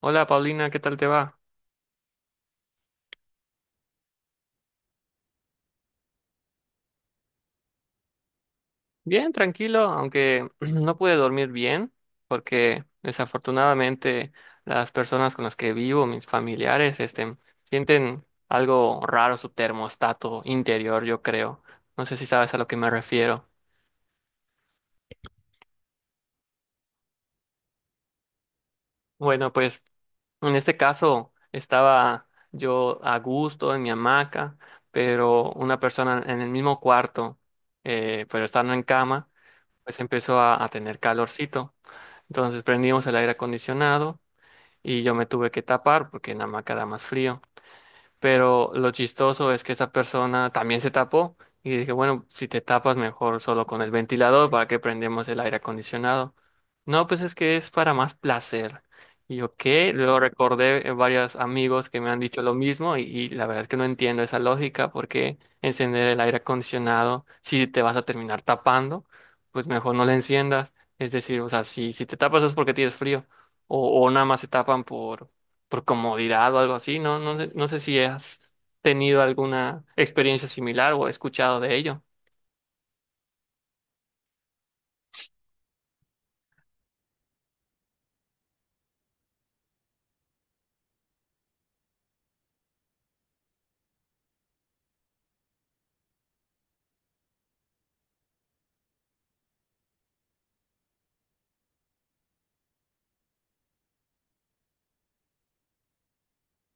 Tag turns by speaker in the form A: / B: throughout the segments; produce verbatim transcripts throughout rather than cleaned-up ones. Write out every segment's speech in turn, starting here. A: Hola, Paulina, ¿qué tal te va? Bien, tranquilo, aunque no pude dormir bien porque desafortunadamente las personas con las que vivo, mis familiares, este, sienten algo raro su termostato interior, yo creo. No sé si sabes a lo que me refiero. Bueno, pues en este caso estaba yo a gusto en mi hamaca, pero una persona en el mismo cuarto, eh, pero estando en cama, pues empezó a a tener calorcito. Entonces prendimos el aire acondicionado y yo me tuve que tapar porque en la hamaca da más frío. Pero lo chistoso es que esa persona también se tapó y dije, bueno, si te tapas mejor solo con el ventilador, ¿para que prendemos el aire acondicionado? No, pues es que es para más placer. Y yo, ¿qué? Luego recordé eh, varios amigos que me han dicho lo mismo y, y la verdad es que no entiendo esa lógica, porque encender el aire acondicionado si te vas a terminar tapando. Pues mejor no lo enciendas. Es decir, o sea, si, si te tapas es porque tienes frío o, o nada más se tapan por por comodidad o algo así, ¿no? No sé, no sé si has tenido alguna experiencia similar o escuchado de ello.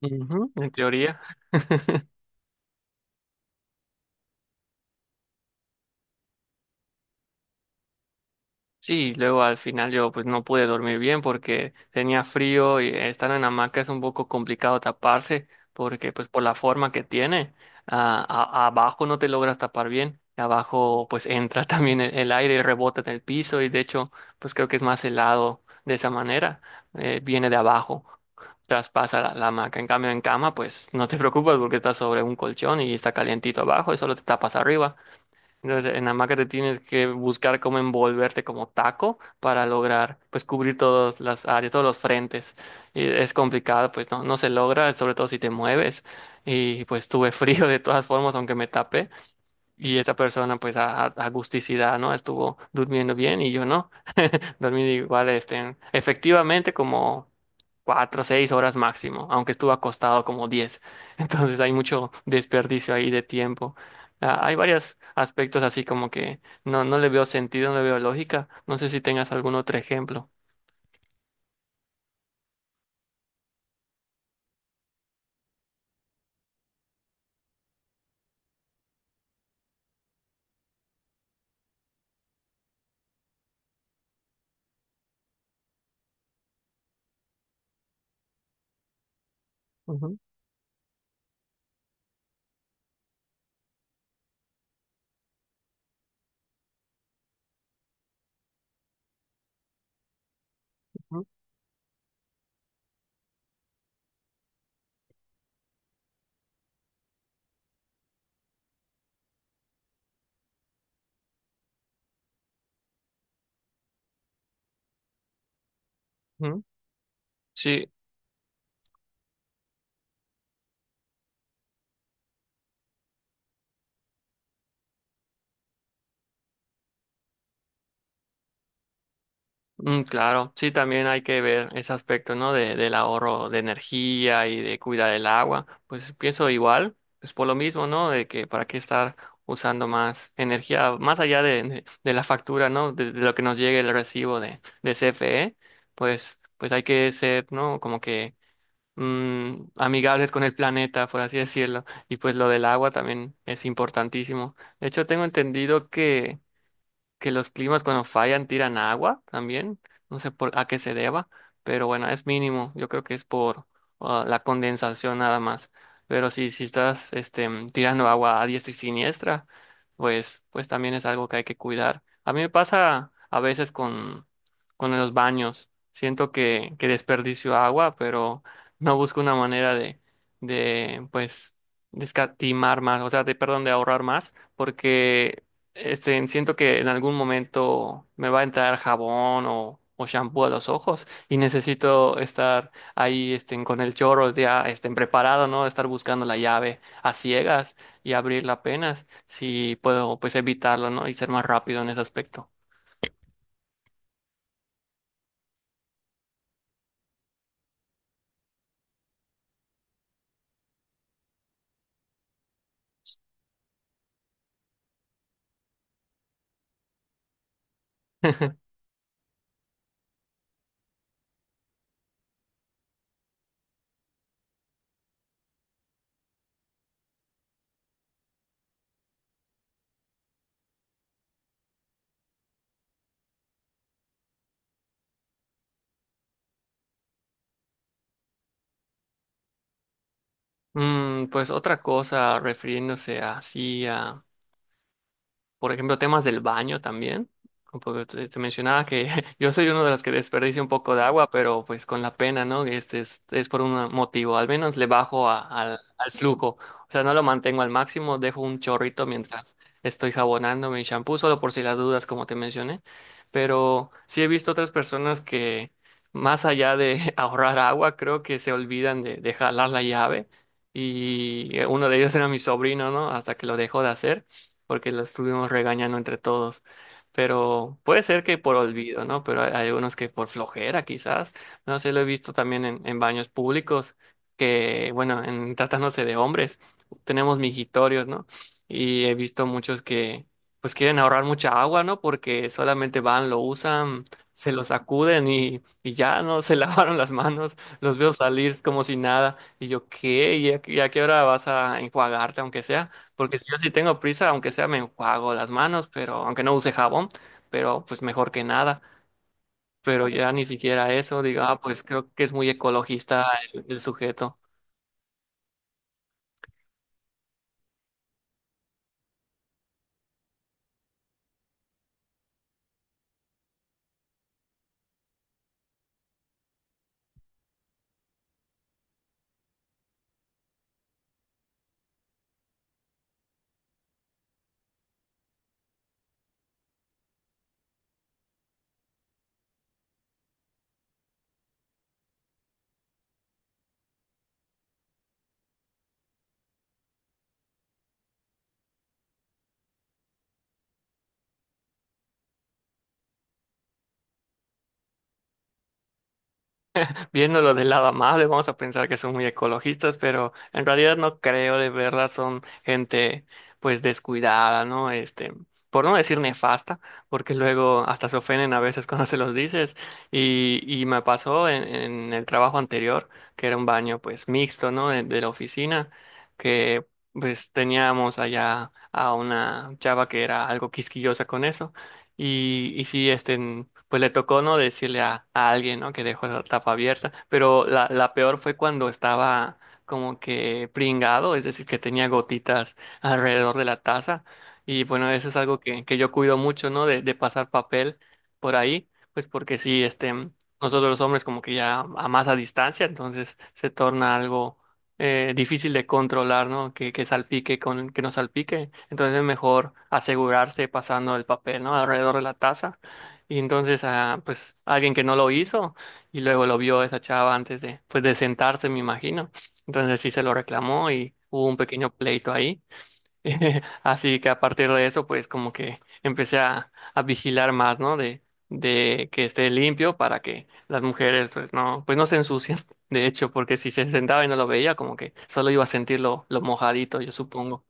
A: Ujú, en teoría. Sí, luego al final yo pues no pude dormir bien porque tenía frío y estar en hamaca es un poco complicado taparse porque pues por la forma que tiene, ah, a- abajo no te logras tapar bien. Y abajo pues entra también el, el aire y rebota en el piso y de hecho pues creo que es más helado de esa manera, eh, viene de abajo. Traspasa la, la hamaca. En cambio, en cama, pues no te preocupas porque estás sobre un colchón y está calientito abajo y solo te tapas arriba. Entonces, en hamaca te tienes que buscar cómo envolverte como taco para lograr, pues, cubrir todas las áreas, todos los frentes. Y es complicado, pues, no, no se logra, sobre todo si te mueves. Y pues tuve frío de todas formas, aunque me tapé. Y esa persona, pues, a, a a gusticidad, ¿no? Estuvo durmiendo bien y yo no. Dormí igual, este, efectivamente como cuatro o seis horas máximo, aunque estuve acostado como diez. Entonces hay mucho desperdicio ahí de tiempo. Ah, hay varios aspectos así como que no, no le veo sentido, no le veo lógica. No sé si tengas algún otro ejemplo. Ujú, ujú, ujú. Sí. Mm, claro, sí, también hay que ver ese aspecto, ¿no? De, del ahorro de energía y de cuidar el agua. Pues pienso igual, pues por lo mismo, ¿no? De que para qué estar usando más energía, más allá de, de- de la factura, ¿no? De, de lo que nos llegue el recibo de, de C F E, pues, pues hay que ser, ¿no? Como que mm, amigables con el planeta, por así decirlo. Y pues lo del agua también es importantísimo. De hecho, tengo entendido que los climas cuando fallan tiran agua también, no sé por a qué se deba, pero bueno, es mínimo, yo creo que es por ah, la condensación nada más. Pero si, si estás este, mm, tirando agua a diestra y siniestra, pues, pues también es algo que hay que cuidar. A mí me pasa a veces con, con los baños, siento que, que desperdicio agua, pero no busco una manera de, de pues, descatimar más, o sea, de, perdón, de ahorrar más, porque este, siento que en algún momento me va a entrar jabón o, o shampoo a los ojos y necesito estar ahí este, con el chorro ya este, preparado, ¿no? Estar buscando la llave a ciegas y abrirla apenas, si puedo pues evitarlo, ¿no? Y ser más rápido en ese aspecto. Mm, pues otra cosa, refiriéndose así a por ejemplo, temas del baño también. Porque te, te mencionaba que yo soy uno de los que desperdicia un poco de agua, pero pues con la pena, ¿no? Este es, es por un motivo. Al menos le bajo a- al, al flujo. O sea, no lo mantengo al máximo, dejo un chorrito mientras estoy jabonando mi shampoo, solo por si las dudas, como te mencioné. Pero sí he visto otras personas que, más allá de ahorrar agua, creo que se olvidan de, de jalar la llave. Y uno de ellos era mi sobrino, ¿no? Hasta que lo dejó de hacer porque lo estuvimos regañando entre todos. Pero puede ser que por olvido, ¿no? Pero hay, hay unos que por flojera, quizás. No sé, lo he visto también en, en baños públicos, que, bueno, en tratándose de hombres, tenemos mijitorios, ¿no? Y he visto muchos que, pues, quieren ahorrar mucha agua, ¿no? Porque solamente van, lo usan, se lo sacuden y, y ya, ¿no? Se lavaron las manos, los veo salir como si nada. Y yo, ¿qué? ¿Y a, y a qué hora vas a enjuagarte, aunque sea? Porque si yo sí tengo prisa, aunque sea me enjuago las manos, pero aunque no use jabón, pero pues mejor que nada. Pero ya ni siquiera eso, digo, ah, pues creo que es muy ecologista el, el sujeto. Viéndolo del lado amable, vamos a pensar que son muy ecologistas, pero en realidad no creo, de verdad son gente pues descuidada, ¿no? Este, por no decir nefasta, porque luego hasta se ofenden a veces cuando se los dices. Y, y me pasó en, en el trabajo anterior, que era un baño pues mixto, ¿no? De, de la oficina, que pues teníamos allá a una chava que era algo quisquillosa con eso. Y, y sí, este, en- pues le tocó no decirle a, a alguien, ¿no? Que dejó la tapa abierta. Pero la, la peor fue cuando estaba como que pringado, es decir, que tenía gotitas alrededor de la taza. Y bueno, eso es algo que, que yo cuido mucho, ¿no? De, de pasar papel por ahí, pues porque sí, este, nosotros los hombres como que ya a más a distancia, entonces se torna algo eh, difícil de controlar, ¿no? Que, que salpique con que no salpique. Entonces es mejor asegurarse pasando el papel, ¿no? Alrededor de la taza. Y entonces, ah, pues alguien que no lo hizo y luego lo vio esa chava antes de, pues, de sentarse, me imagino. Entonces sí se lo reclamó y hubo un pequeño pleito ahí. Así que a partir de eso, pues como que empecé a, a vigilar más, ¿no? De, de que esté limpio para que las mujeres, pues no, pues no se ensucien, de hecho, porque si se sentaba y no lo veía, como que solo iba a sentir lo, lo mojadito, yo supongo.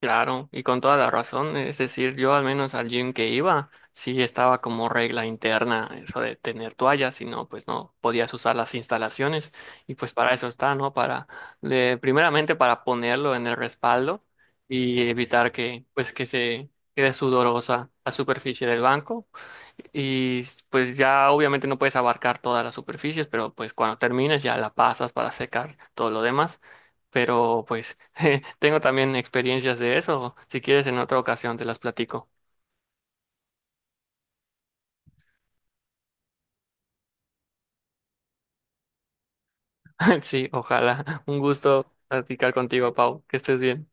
A: Claro, y con toda la razón, es decir, yo al menos al gym que iba, sí estaba como regla interna eso de tener toallas, si no, pues no podías usar las instalaciones y pues para eso está, ¿no? Para, de- primeramente para ponerlo en el respaldo y evitar que, pues que se quede sudorosa la superficie del banco y pues ya obviamente no puedes abarcar todas las superficies, pero pues cuando termines ya la pasas para secar todo lo demás. Pero pues je, tengo también experiencias de eso. Si quieres en otra ocasión te las platico. Sí, ojalá. Un gusto platicar contigo, Pau. Que estés bien.